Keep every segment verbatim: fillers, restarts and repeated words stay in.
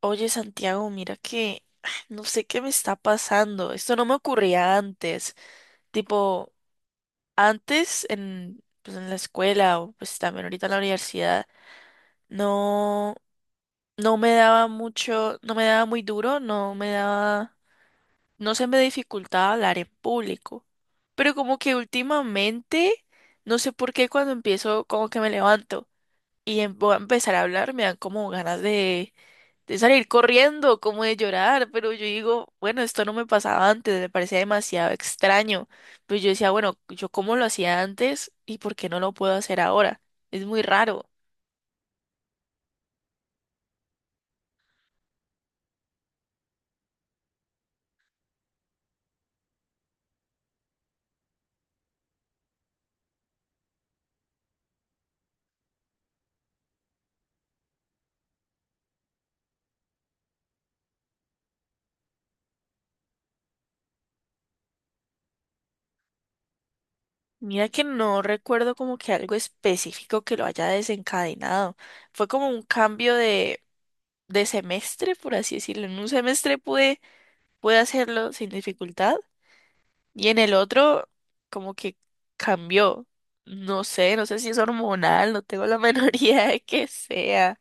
Oye, Santiago, mira que no sé qué me está pasando. Esto no me ocurría antes. Tipo, antes en, pues, en la escuela o pues también ahorita en la universidad, no, no me daba mucho, no me daba muy duro, no me daba, no se me dificultaba hablar en público. Pero como que últimamente, no sé por qué cuando empiezo, como que me levanto y em- voy a empezar a hablar, me dan como ganas de, de salir corriendo, como de llorar, pero yo digo, bueno, esto no me pasaba antes, me parecía demasiado extraño. Pero yo decía, bueno, yo cómo lo hacía antes y por qué no lo puedo hacer ahora. Es muy raro. Mira que no recuerdo como que algo específico que lo haya desencadenado. Fue como un cambio de, de semestre, por así decirlo. En un semestre pude, pude hacerlo sin dificultad. Y en el otro, como que cambió. No sé, no sé si es hormonal, no tengo la menor idea de que sea.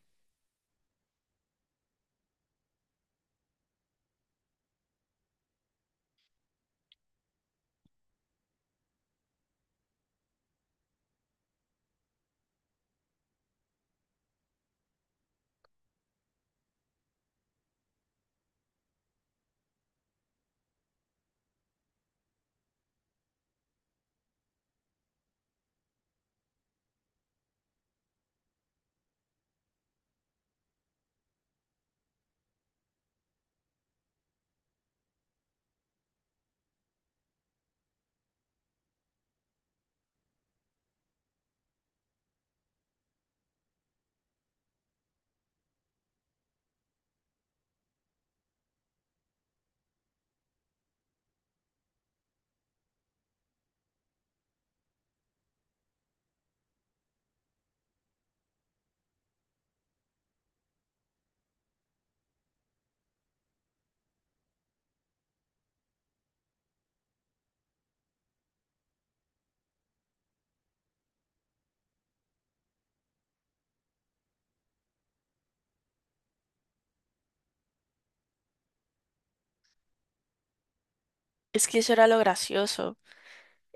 Es que eso era lo gracioso.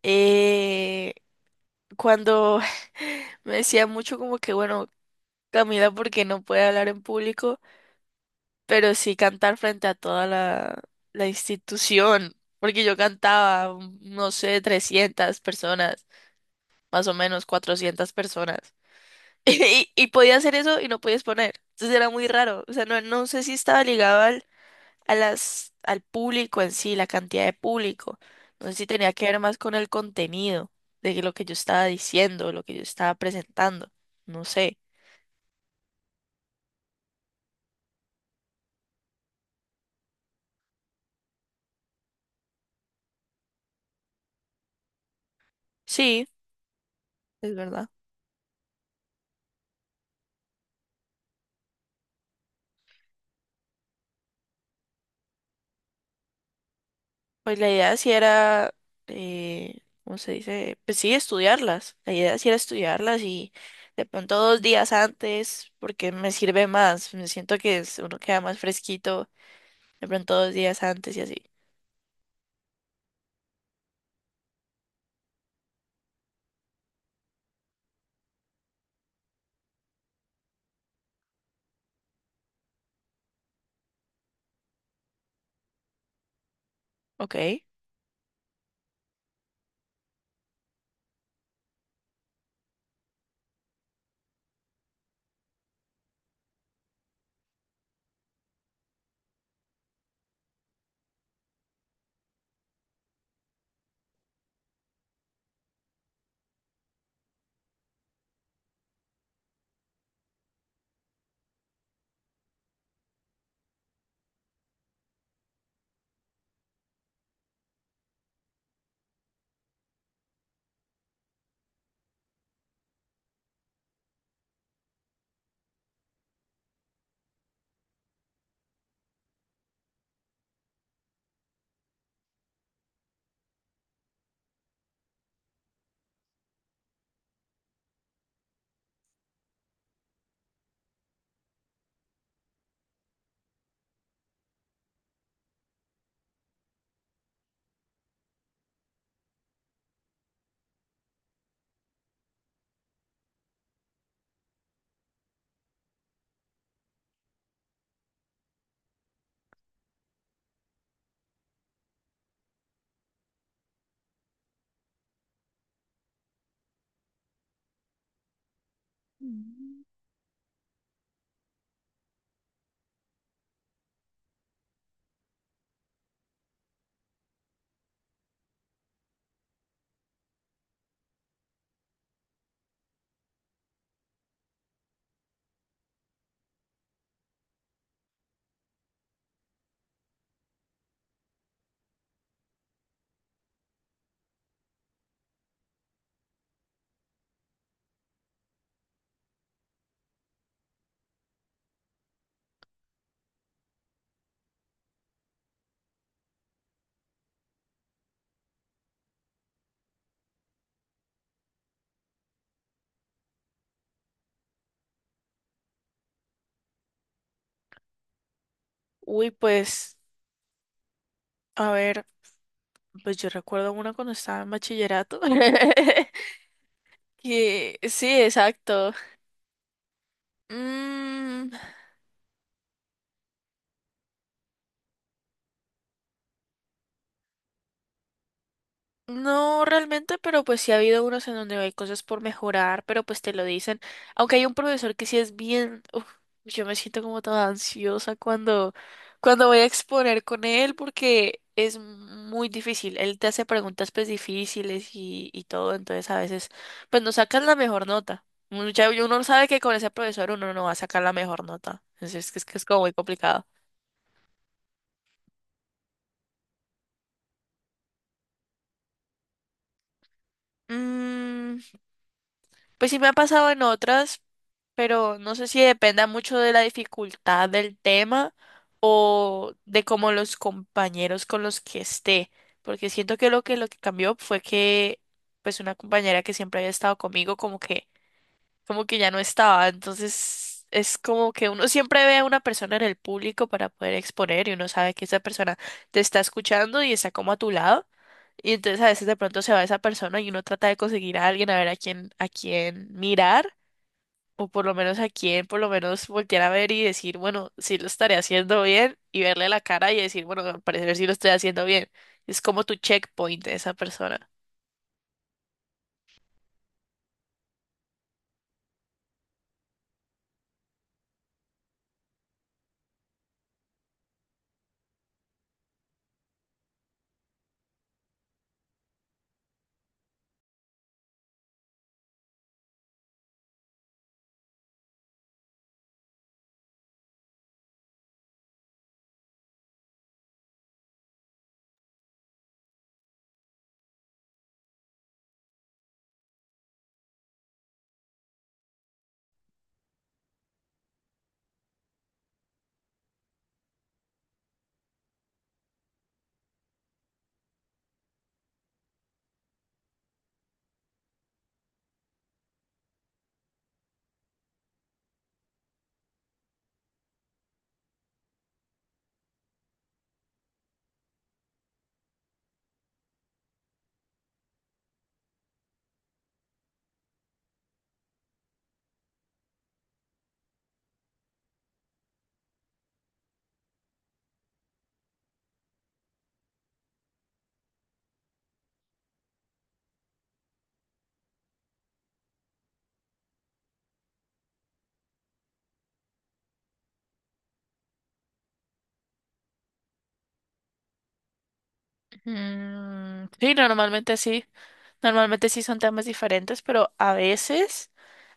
Eh, Cuando me decía mucho como que, bueno, Camila, porque no puede hablar en público, pero sí cantar frente a toda la, la institución. Porque yo cantaba, no sé, trescientas personas, más o menos cuatrocientas personas. Y, y podía hacer eso y no podías poner. Entonces era muy raro. O sea, no, no sé si estaba ligado al, a las, al público en sí, la cantidad de público. No sé si tenía que ver más con el contenido de que lo que yo estaba diciendo, lo que yo estaba presentando. No sé. Sí, es verdad. Pues la idea sí era, eh, ¿cómo se dice? Pues sí, estudiarlas. La idea sí era estudiarlas y de pronto dos días antes, porque me sirve más. Me siento que es- uno queda más fresquito. De pronto dos días antes y así. Ok. Uy, pues, a ver, pues yo recuerdo una cuando estaba en bachillerato. Que, sí, exacto. Mm. No realmente, pero pues sí ha habido unos en donde hay cosas por mejorar, pero pues te lo dicen. Aunque hay un profesor que sí es bien, uf, yo me siento como toda ansiosa cuando, cuando voy a exponer con él porque es muy difícil. Él te hace preguntas pues difíciles y, y todo, entonces a veces pues no sacas la mejor nota. Mucha- uno sabe que con ese profesor uno no va a sacar la mejor nota. Entonces es que es, que es como muy complicado. Mm. Pues sí me ha pasado en otras, pero no sé si dependa mucho de la dificultad del tema o de cómo los compañeros con los que esté, porque siento que lo que lo que cambió fue que pues una compañera que siempre había estado conmigo como que como que ya no estaba. Entonces es como que uno siempre ve a una persona en el público para poder exponer y uno sabe que esa persona te está escuchando y está como a tu lado. Y entonces a veces de pronto se va esa persona y uno trata de conseguir a alguien a ver a quién, a quién mirar o por lo menos a quién por lo menos voltear a ver y decir, bueno, si lo estaré haciendo bien y verle la cara y decir, bueno, al parecer sí lo estoy haciendo bien. Es como tu checkpoint de esa persona. Mm. Sí, normalmente sí. Normalmente sí son temas diferentes, pero a veces,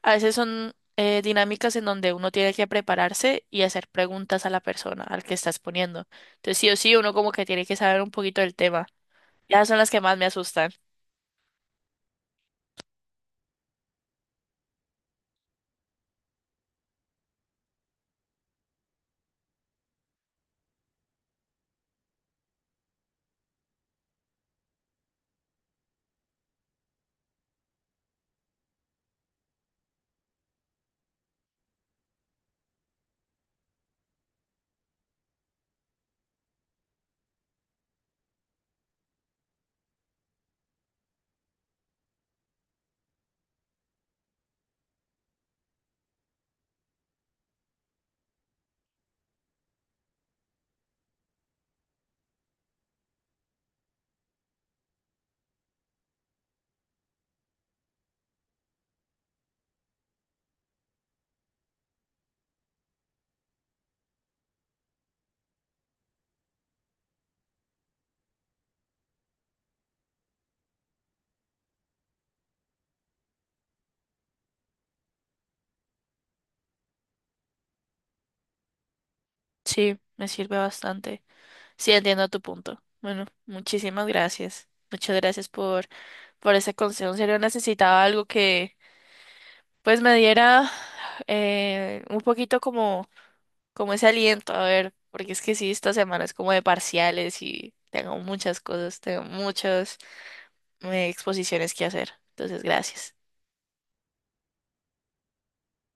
a veces son eh, dinámicas en donde uno tiene que prepararse y hacer preguntas a la persona al que estás poniendo. Entonces sí o sí, uno como que tiene que saber un poquito del tema. Ya son las que más me asustan. Sí, me sirve bastante. Sí, entiendo tu punto. Bueno, muchísimas gracias. Muchas gracias por, por ese consejo. En serio, necesitaba algo que pues me diera eh, un poquito como como ese aliento, a ver, porque es que sí, esta semana es como de parciales y tengo muchas cosas, tengo muchas eh, exposiciones que hacer. Entonces, gracias.